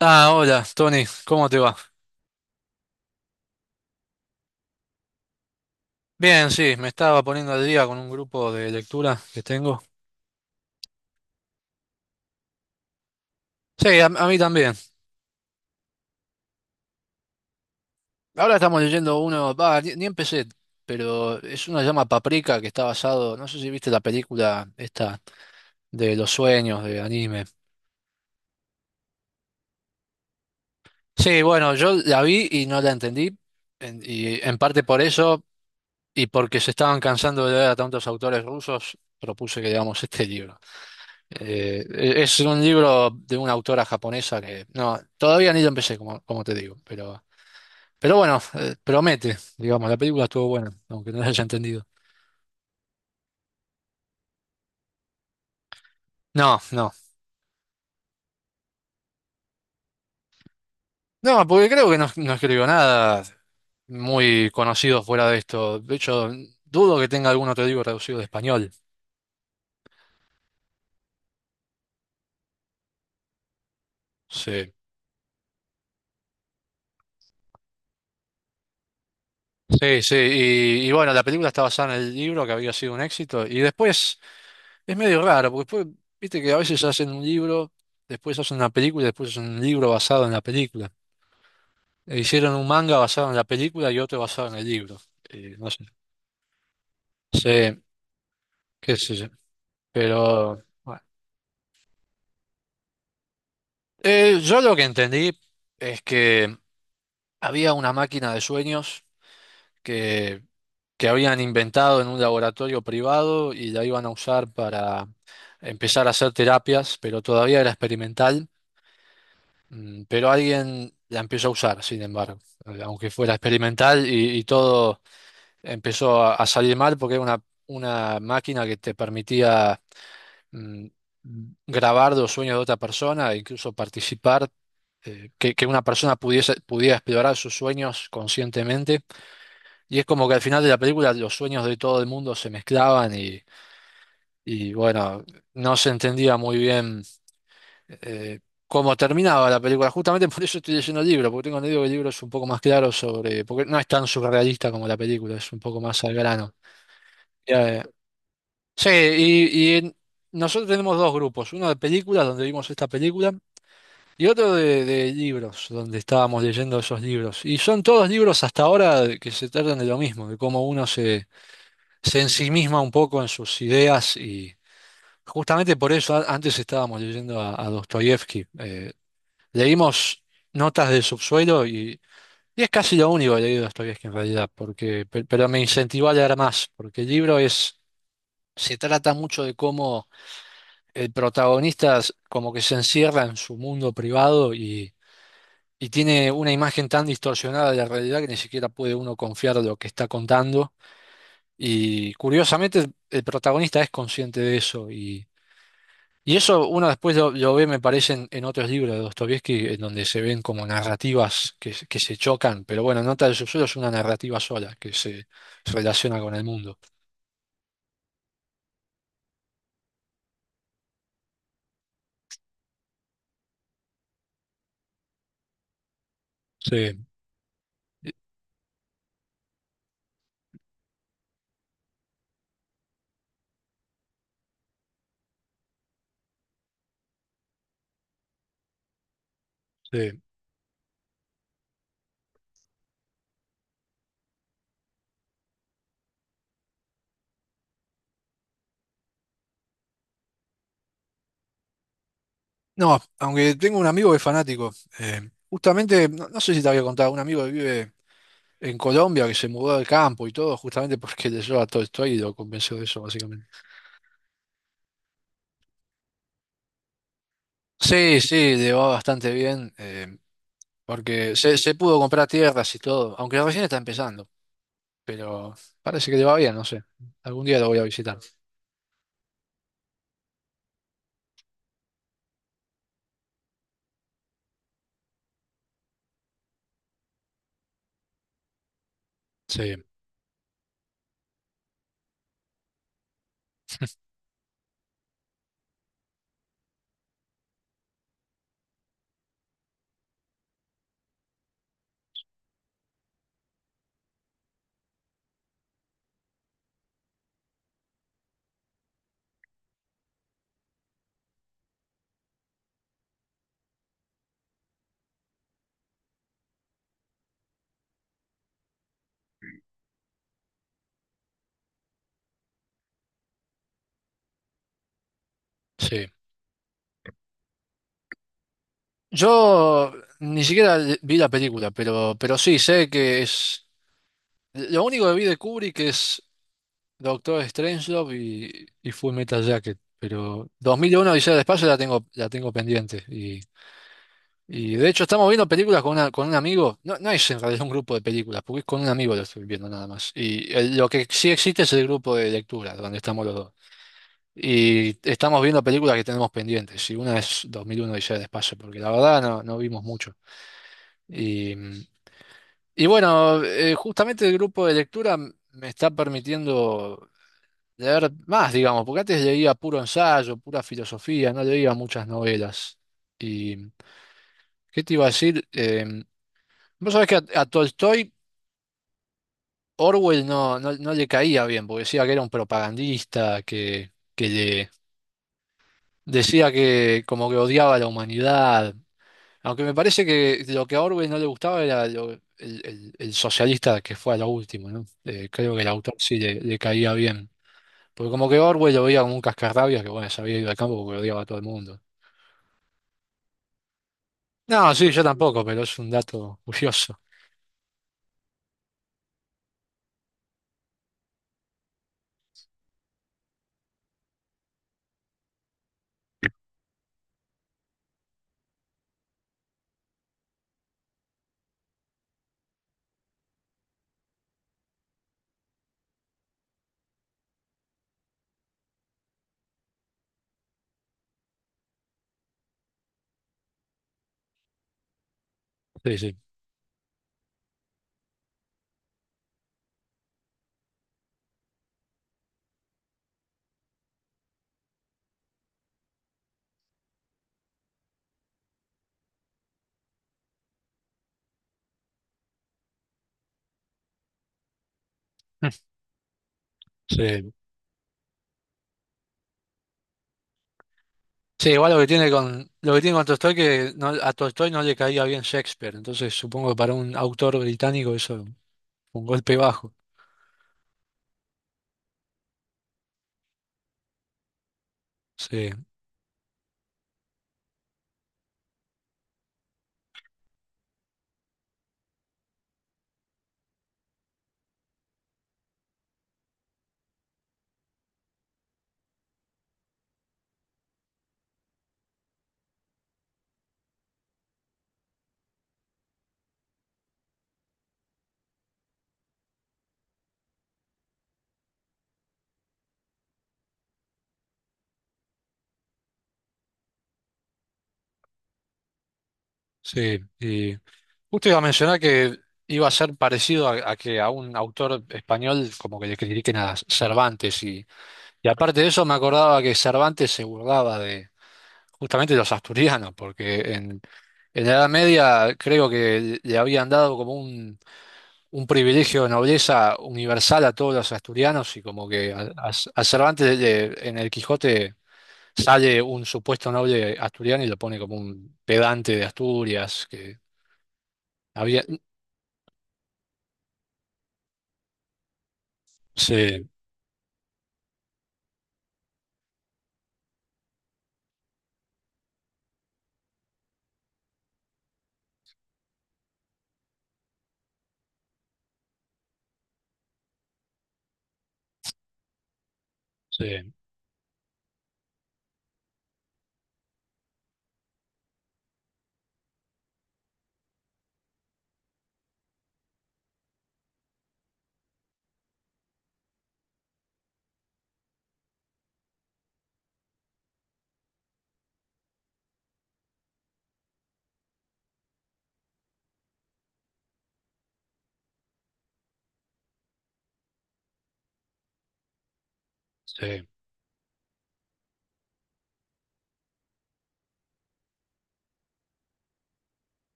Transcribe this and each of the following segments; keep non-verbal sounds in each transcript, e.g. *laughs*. Ah, hola, Tony, ¿cómo te va? Bien, sí, me estaba poniendo al día con un grupo de lectura que tengo. Sí, a mí también. Ahora estamos leyendo uno, va, ni empecé, pero es una llama Paprika que está basado, no sé si viste la película esta de los sueños de anime. Sí, bueno, yo la vi y no la entendí, y en parte por eso, y porque se estaban cansando de leer a tantos autores rusos, propuse que leamos este libro. Eh, es un libro de una autora japonesa que no, todavía ni lo empecé, como, como te digo, pero bueno, promete, digamos, la película estuvo buena, aunque no la haya entendido. No, no, no, porque creo que no escribió nada muy conocido fuera de esto. De hecho, dudo que tenga algún otro libro traducido de español. Sí. Sí, sí, y bueno, la película está basada en el libro que había sido un éxito, y después es medio raro, porque después, viste que a veces hacen un libro, después hacen una película y después hacen un libro basado en la película. E hicieron un manga basado en la película y otro basado en el libro. No sé. Sí, qué sé yo. Pero bueno. Yo lo que entendí es que había una máquina de sueños que, que habían inventado en un laboratorio privado y la iban a usar para empezar a hacer terapias, pero todavía era experimental. Pero alguien la empezó a usar, sin embargo, aunque fuera experimental y todo. Empezó a salir mal porque era una máquina que te permitía mm, grabar los sueños de otra persona e incluso participar, que una persona pudiera explorar sus sueños conscientemente. Y es como que al final de la película los sueños de todo el mundo se mezclaban y, y bueno, no se entendía muy bien eh, cómo terminaba la película. Justamente *laughs* por eso estoy leyendo el libro, porque tengo entendido que el libro es un poco más claro sobre, porque no es tan surrealista como la película, es un poco más al grano. Sí, y nosotros tenemos dos grupos, uno de películas, donde vimos esta película, y otro de libros, donde estábamos leyendo esos libros. Y son todos libros hasta ahora que se tratan de lo mismo, de cómo uno se, se ensimisma un poco en sus ideas, y justamente por eso antes estábamos leyendo a Dostoyevsky. Leímos Notas del Subsuelo y es casi lo único que leí de Dostoyevsky en realidad, porque, pero me incentivó a leer más, porque el libro es, se trata mucho de cómo el protagonista como que se encierra en su mundo privado y tiene una imagen tan distorsionada de la realidad que ni siquiera puede uno confiar en lo que está contando. Y curiosamente el protagonista es consciente de eso y eso uno después lo ve, me parece, en otros libros de Dostoyevsky, en donde se ven como narrativas que, que se chocan, pero bueno, Nota del Subsuelo es una narrativa sola que se relaciona con el mundo. Sí, sí. No, aunque tengo un amigo que es fanático. Justamente, no sé si te había contado, un amigo que vive en Colombia que se mudó al campo y todo, justamente porque leyó a Tolstói y lo convenció de eso, básicamente. Sí, sí, le va bastante bien, porque se pudo comprar tierras y todo, aunque recién está empezando, pero parece que le va bien, no sé. Algún día lo voy a visitar. Sí, sí. Yo ni siquiera vi la película, pero sí, sé que es... Lo único que vi de Kubrick es Doctor Strangelove y Full Metal Jacket. Pero 2001 Odisea del Espacio la tengo pendiente. Y de hecho estamos viendo películas con, con un amigo. No, no es en realidad un grupo de películas, porque es con un amigo lo estoy viendo nada más. Y lo que sí existe es el grupo de lectura, donde estamos los dos. Y estamos viendo películas que tenemos pendientes. Y una es 2001 Odisea del Espacio, porque la verdad no vimos mucho. Y, y bueno, justamente el grupo de lectura me está permitiendo de ver más, digamos, porque antes leía puro ensayo, pura filosofía, no leía muchas novelas. ¿Y qué te iba a decir? Vos sabés que a Tolstoy Orwell no le caía bien, porque decía que era un propagandista, que le decía que como que odiaba a la humanidad, aunque me parece que lo que a Orwell no le gustaba era el, el socialista que fue a lo último, ¿no? Creo que el autor sí le caía bien. Porque como que Orwell lo veía como un cascarrabias que bueno, se había ido al campo porque odiaba a todo el mundo. No, sí, yo tampoco, pero es un dato curioso. Sí, sí. *laughs* Sí. Sí, igual lo que tiene con, lo que tiene con Tolstoy que a Tolstoy no le caía bien Shakespeare, entonces supongo que para un autor británico eso fue un golpe bajo. Sí, sí. Y justo iba a mencionar que iba a ser parecido a que a un autor español como que le critiquen a Cervantes y aparte de eso me acordaba que Cervantes se burlaba justamente los asturianos, porque en la Edad Media creo que le habían dado como un privilegio de nobleza universal a todos los asturianos y como que a, a Cervantes en el Quijote sale un supuesto noble asturiano y lo pone como un pedante de Asturias, que había... Sí, sí, sí.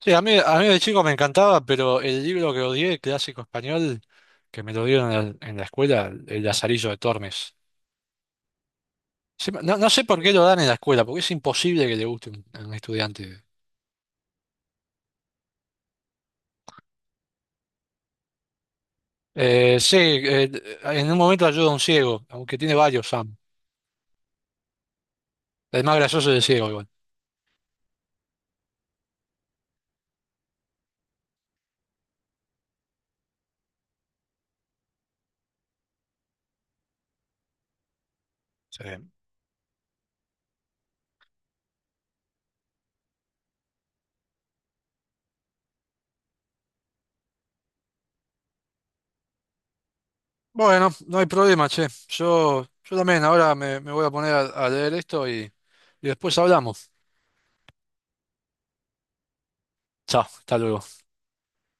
Sí, a mí de chico me encantaba, pero el libro que odié, clásico español, que me lo dieron en la escuela, El Lazarillo de Tormes. Sí, no sé por qué lo dan en la escuela, porque es imposible que le guste a un estudiante. Sí, en un momento ayuda a un ciego, aunque tiene varios Sam. El más gracioso es el ciego igual. Sí. Bueno, no hay problema, che. Yo también ahora me, me voy a poner a leer esto y después hablamos. Chao, hasta luego.